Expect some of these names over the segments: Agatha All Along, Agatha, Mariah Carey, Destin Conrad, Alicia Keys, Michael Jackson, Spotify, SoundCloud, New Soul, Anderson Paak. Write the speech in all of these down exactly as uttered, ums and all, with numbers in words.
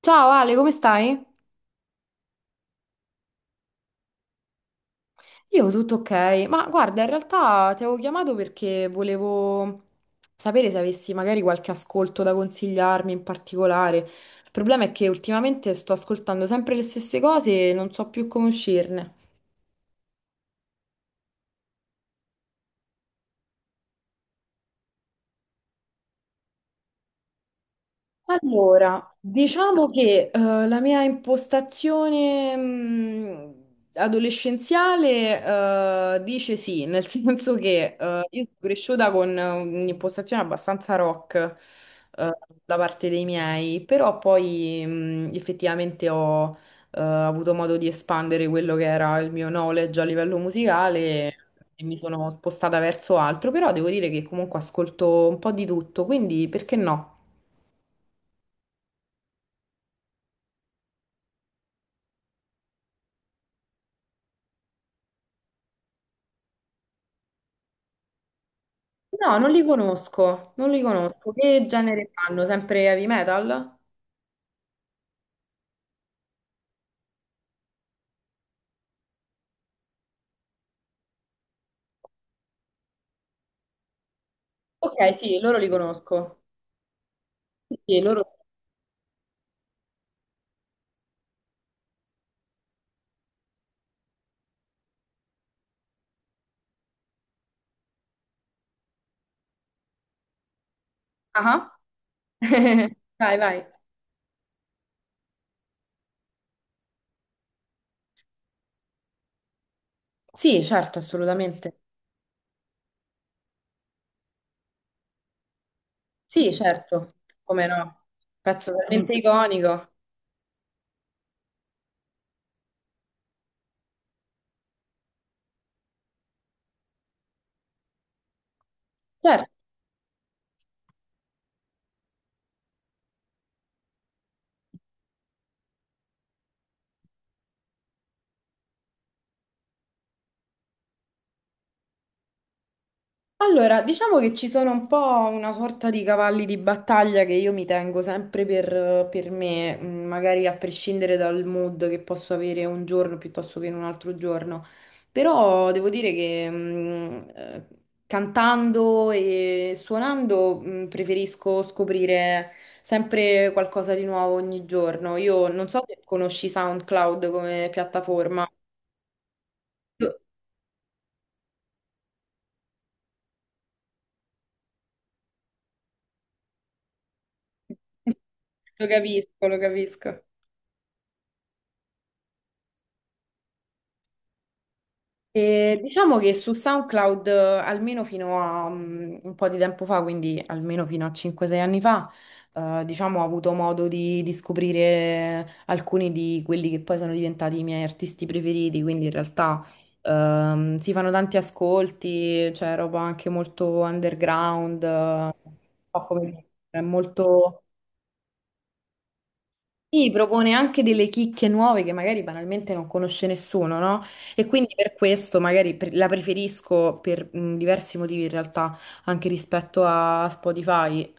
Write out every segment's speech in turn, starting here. Ciao Ale, come stai? Io tutto ok, ma guarda, in realtà ti avevo chiamato perché volevo sapere se avessi magari qualche ascolto da consigliarmi in particolare. Il problema è che ultimamente sto ascoltando sempre le stesse cose e non so più come uscirne. Allora, diciamo che eh, la mia impostazione mh, adolescenziale eh, dice sì, nel senso che eh, io sono cresciuta con eh, un'impostazione abbastanza rock eh, da parte dei miei, però poi mh, effettivamente ho eh, avuto modo di espandere quello che era il mio knowledge a livello musicale. E mi sono spostata verso altro, però devo dire che comunque ascolto un po' di tutto, quindi perché no? No, non li conosco, non li conosco. Che genere fanno? Sempre heavy metal? Ok, sì, loro li conosco. Sì, sì, loro sì. Ah. Vai, vai. Sì, certo, assolutamente. Sì, certo. Come no? Pezzo veramente iconico. Certo. Allora, diciamo che ci sono un po' una sorta di cavalli di battaglia che io mi tengo sempre per, per me, mm, magari a prescindere dal mood che posso avere un giorno piuttosto che in un altro giorno. Però devo dire che mm, eh, cantando e suonando mm, preferisco scoprire sempre qualcosa di nuovo ogni giorno. Io non so se conosci SoundCloud come piattaforma. Lo lo capisco, lo capisco. E diciamo che su SoundCloud, eh, almeno fino a mm, un po' di tempo fa, quindi almeno fino a cinque sei anni fa, eh, diciamo, ho avuto modo di, di scoprire alcuni di quelli che poi sono diventati i miei artisti preferiti, quindi in realtà ehm, si fanno tanti ascolti, c'è roba anche molto underground, eh, un po' come dire, è molto... Sì, propone anche delle chicche nuove che magari banalmente non conosce nessuno, no? E quindi per questo magari pre- la preferisco per mh, diversi motivi in realtà, anche rispetto a Spotify.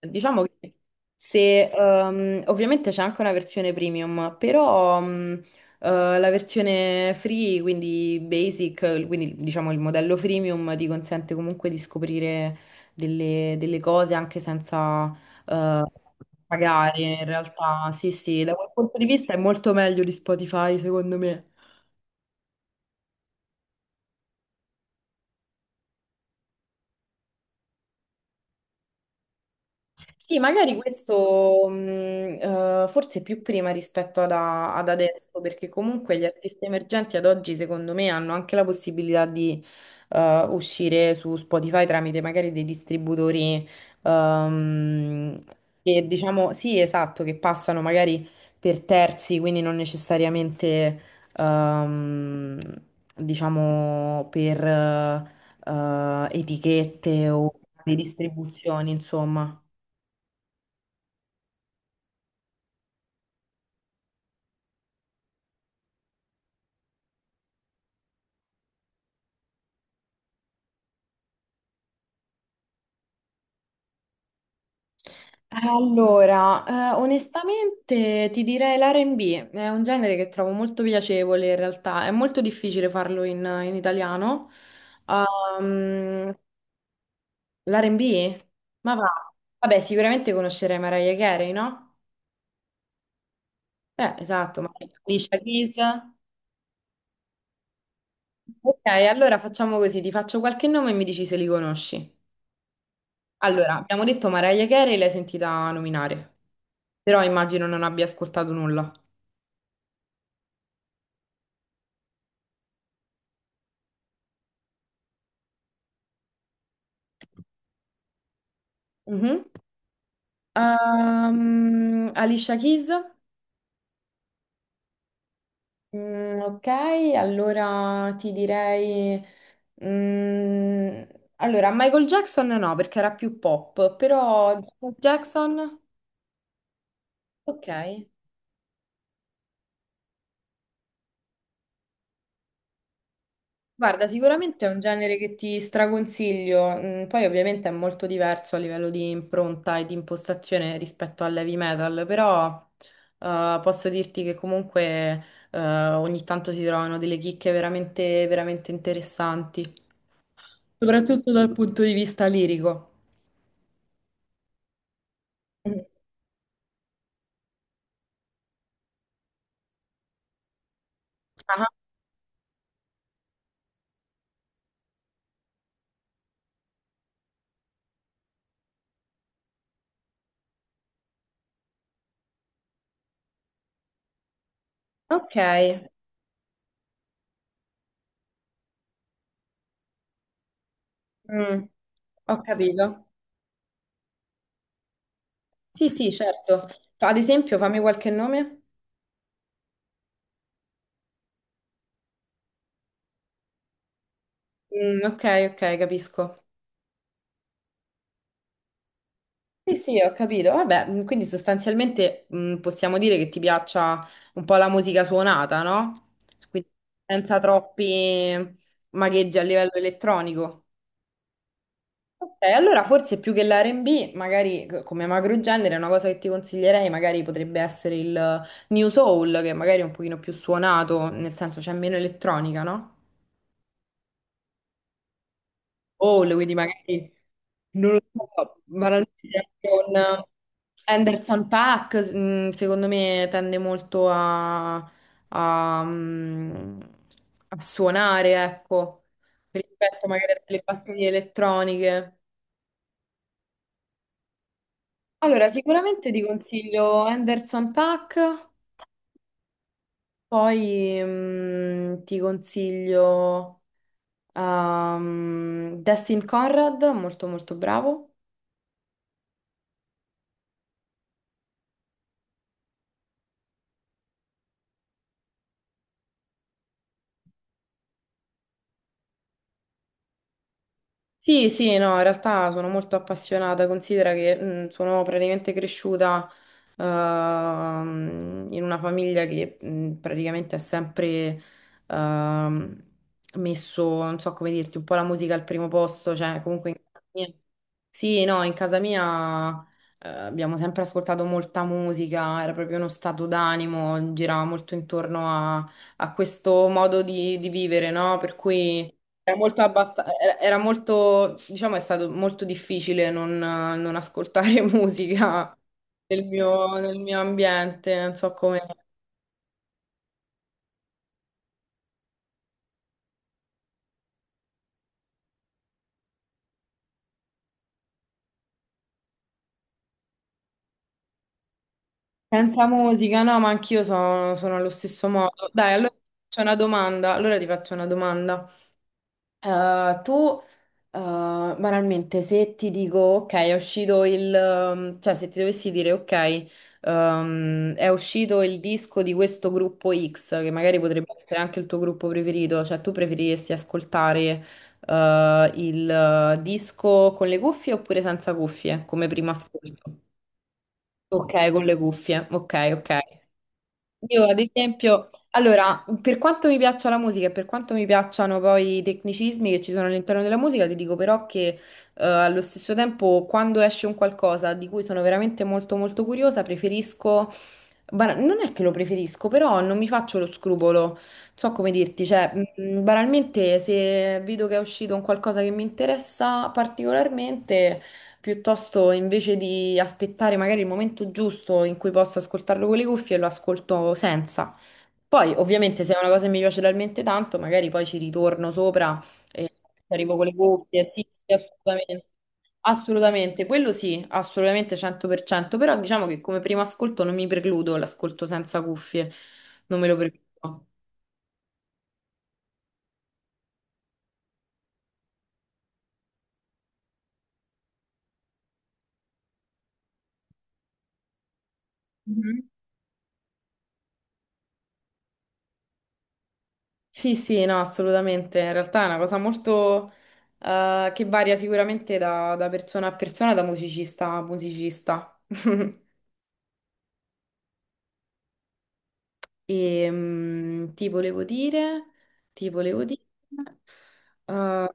Diciamo che se ehm, ovviamente c'è anche una versione premium, però mh, eh, la versione free, quindi basic, quindi diciamo il modello freemium ti consente comunque di scoprire delle delle cose anche senza eh, pagare in realtà. Sì, sì, da quel punto di vista è molto meglio di Spotify, secondo me. Sì, magari questo mh, eh, forse più prima rispetto ad, a- ad adesso, perché comunque gli artisti emergenti ad oggi, secondo me, hanno anche la possibilità di eh, uscire su Spotify tramite magari dei distributori ehm, che diciamo, sì, esatto, che passano magari per terzi, quindi non necessariamente ehm, diciamo per eh, eh, etichette o di distribuzioni, insomma. Allora, eh, onestamente ti direi l'R e B, è un genere che trovo molto piacevole in realtà, è molto difficile farlo in, in italiano. Ehm, l'R e B? Ma va, vabbè, sicuramente conoscerei Mariah Carey, no? Eh, esatto, ma Alicia Keys. Ok, allora facciamo così, ti faccio qualche nome e mi dici se li conosci. Allora, abbiamo detto Mariah Carey, l'hai sentita nominare, però immagino non abbia ascoltato nulla. Mhm. Ehm, Alicia Keys? Mm, ok, allora ti direi... mm, allora, Michael Jackson no, perché era più pop, però Jackson... Ok. Guarda, sicuramente è un genere che ti straconsiglio, mm, poi ovviamente è molto diverso a livello di impronta e di impostazione rispetto all'heavy metal, però eh, posso dirti che comunque eh, ogni tanto si trovano delle chicche veramente, veramente interessanti. Soprattutto dal punto di vista lirico. Mm. Ah, ok, mm, ho capito. Sì, sì, certo. Fa- Ad esempio, fammi qualche nome. Mm, ok, ok, capisco. Sì, sì, ho capito. Vabbè, mm, quindi sostanzialmente mm, possiamo dire che ti piaccia un po' la musica suonata, no? Quindi senza troppi magheggi a livello elettronico. Ok, allora forse più che l'R e B, magari c- come macrogenere, una cosa che ti consiglierei magari potrebbe essere il New Soul, che magari è un pochino più suonato, nel senso c'è meno elettronica, no? Soul, quindi magari, non lo so, banalmente con Anderson Paak, secondo me tende molto a, a, mm, a suonare, ecco, rispetto magari a delle batterie elettroniche. Allora, sicuramente ti consiglio Anderson Paak, poi mm, ti consiglio ehm, Destin Conrad, molto molto bravo. Sì, sì, no, in realtà sono molto appassionata, considera che mh, sono praticamente cresciuta ehm, in una famiglia che mh, praticamente ha sempre ehm, messo, non so come dirti, un po' la musica al primo posto, cioè comunque in casa mia- sì, no, in casa mia eh, abbiamo sempre ascoltato molta musica, era proprio uno stato d'animo, girava molto intorno a, a questo modo di, di vivere, no? Per cui... Era molto, abbasta- era era molto, diciamo, è stato molto difficile non, non ascoltare musica nel mio, nel mio ambiente, non so come. Senza musica, no, ma anch'io sono, sono allo stesso modo. Dai, allora c'è una domanda, allora ti faccio una domanda. Eh, tu, eh, banalmente, se ti dico, ok, è uscito il... ehm, cioè, se ti dovessi dire, ok, ehm, è uscito il disco di questo gruppo X, che magari potrebbe essere anche il tuo gruppo preferito, cioè tu preferiresti ascoltare, eh, il eh, disco con le cuffie oppure senza cuffie, come primo ascolto? Ok, con le cuffie, ok, ok. Io ad esempio, allora, per quanto mi piaccia la musica e per quanto mi piacciono poi i tecnicismi che ci sono all'interno della musica, ti dico però che eh, allo stesso tempo quando esce un qualcosa di cui sono veramente molto molto curiosa, preferisco, bara- non è che lo preferisco, però non mi faccio lo scrupolo, so come dirti, cioè mh, banalmente se vedo che è uscito un qualcosa che mi interessa particolarmente... Piuttosto invece di aspettare magari il momento giusto in cui posso ascoltarlo con le cuffie, lo ascolto senza. Poi, ovviamente, se è una cosa che mi piace talmente tanto, magari poi ci ritorno sopra e arrivo con le cuffie. Sì, sì, assolutamente. Assolutamente, quello sì, assolutamente cento per cento, però diciamo che come primo ascolto non mi precludo l'ascolto senza cuffie, non me lo precludo. Mhm. Sì, sì, no, assolutamente. In realtà è una cosa molto eh, che varia sicuramente da, da persona a persona, da musicista a musicista. E mm, ti volevo dire, ti volevo dire, eh,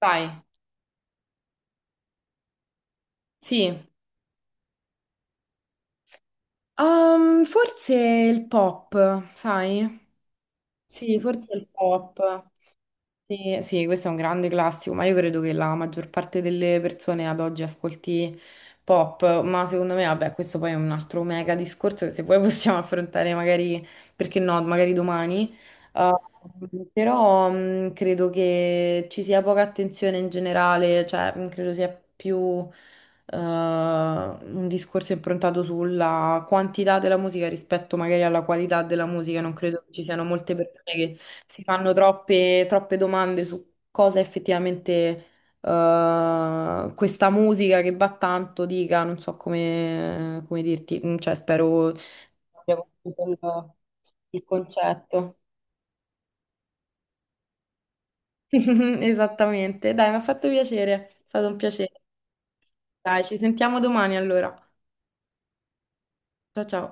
dai, sì, Ehm, forse il pop, sai? Sì, forse il pop. Sì, sì, questo è un grande classico, ma io credo che la maggior parte delle persone ad oggi ascolti pop, ma secondo me, vabbè, questo poi è un altro mega discorso che se poi possiamo affrontare magari, perché no, magari domani. Uh, però mh, credo che ci sia poca attenzione in generale, cioè mh, credo sia più uh, un discorso improntato sulla quantità della musica rispetto magari alla qualità della musica. Non credo che ci siano molte persone si fanno troppe, troppe domande su cosa effettivamente eh, questa musica che va tanto dica, non so come, come dirti, mm, cioè spero abbia capito il, il concetto. Esattamente, dai, mi ha fatto piacere, è stato un piacere. Dai, ci sentiamo domani allora. Ciao ciao.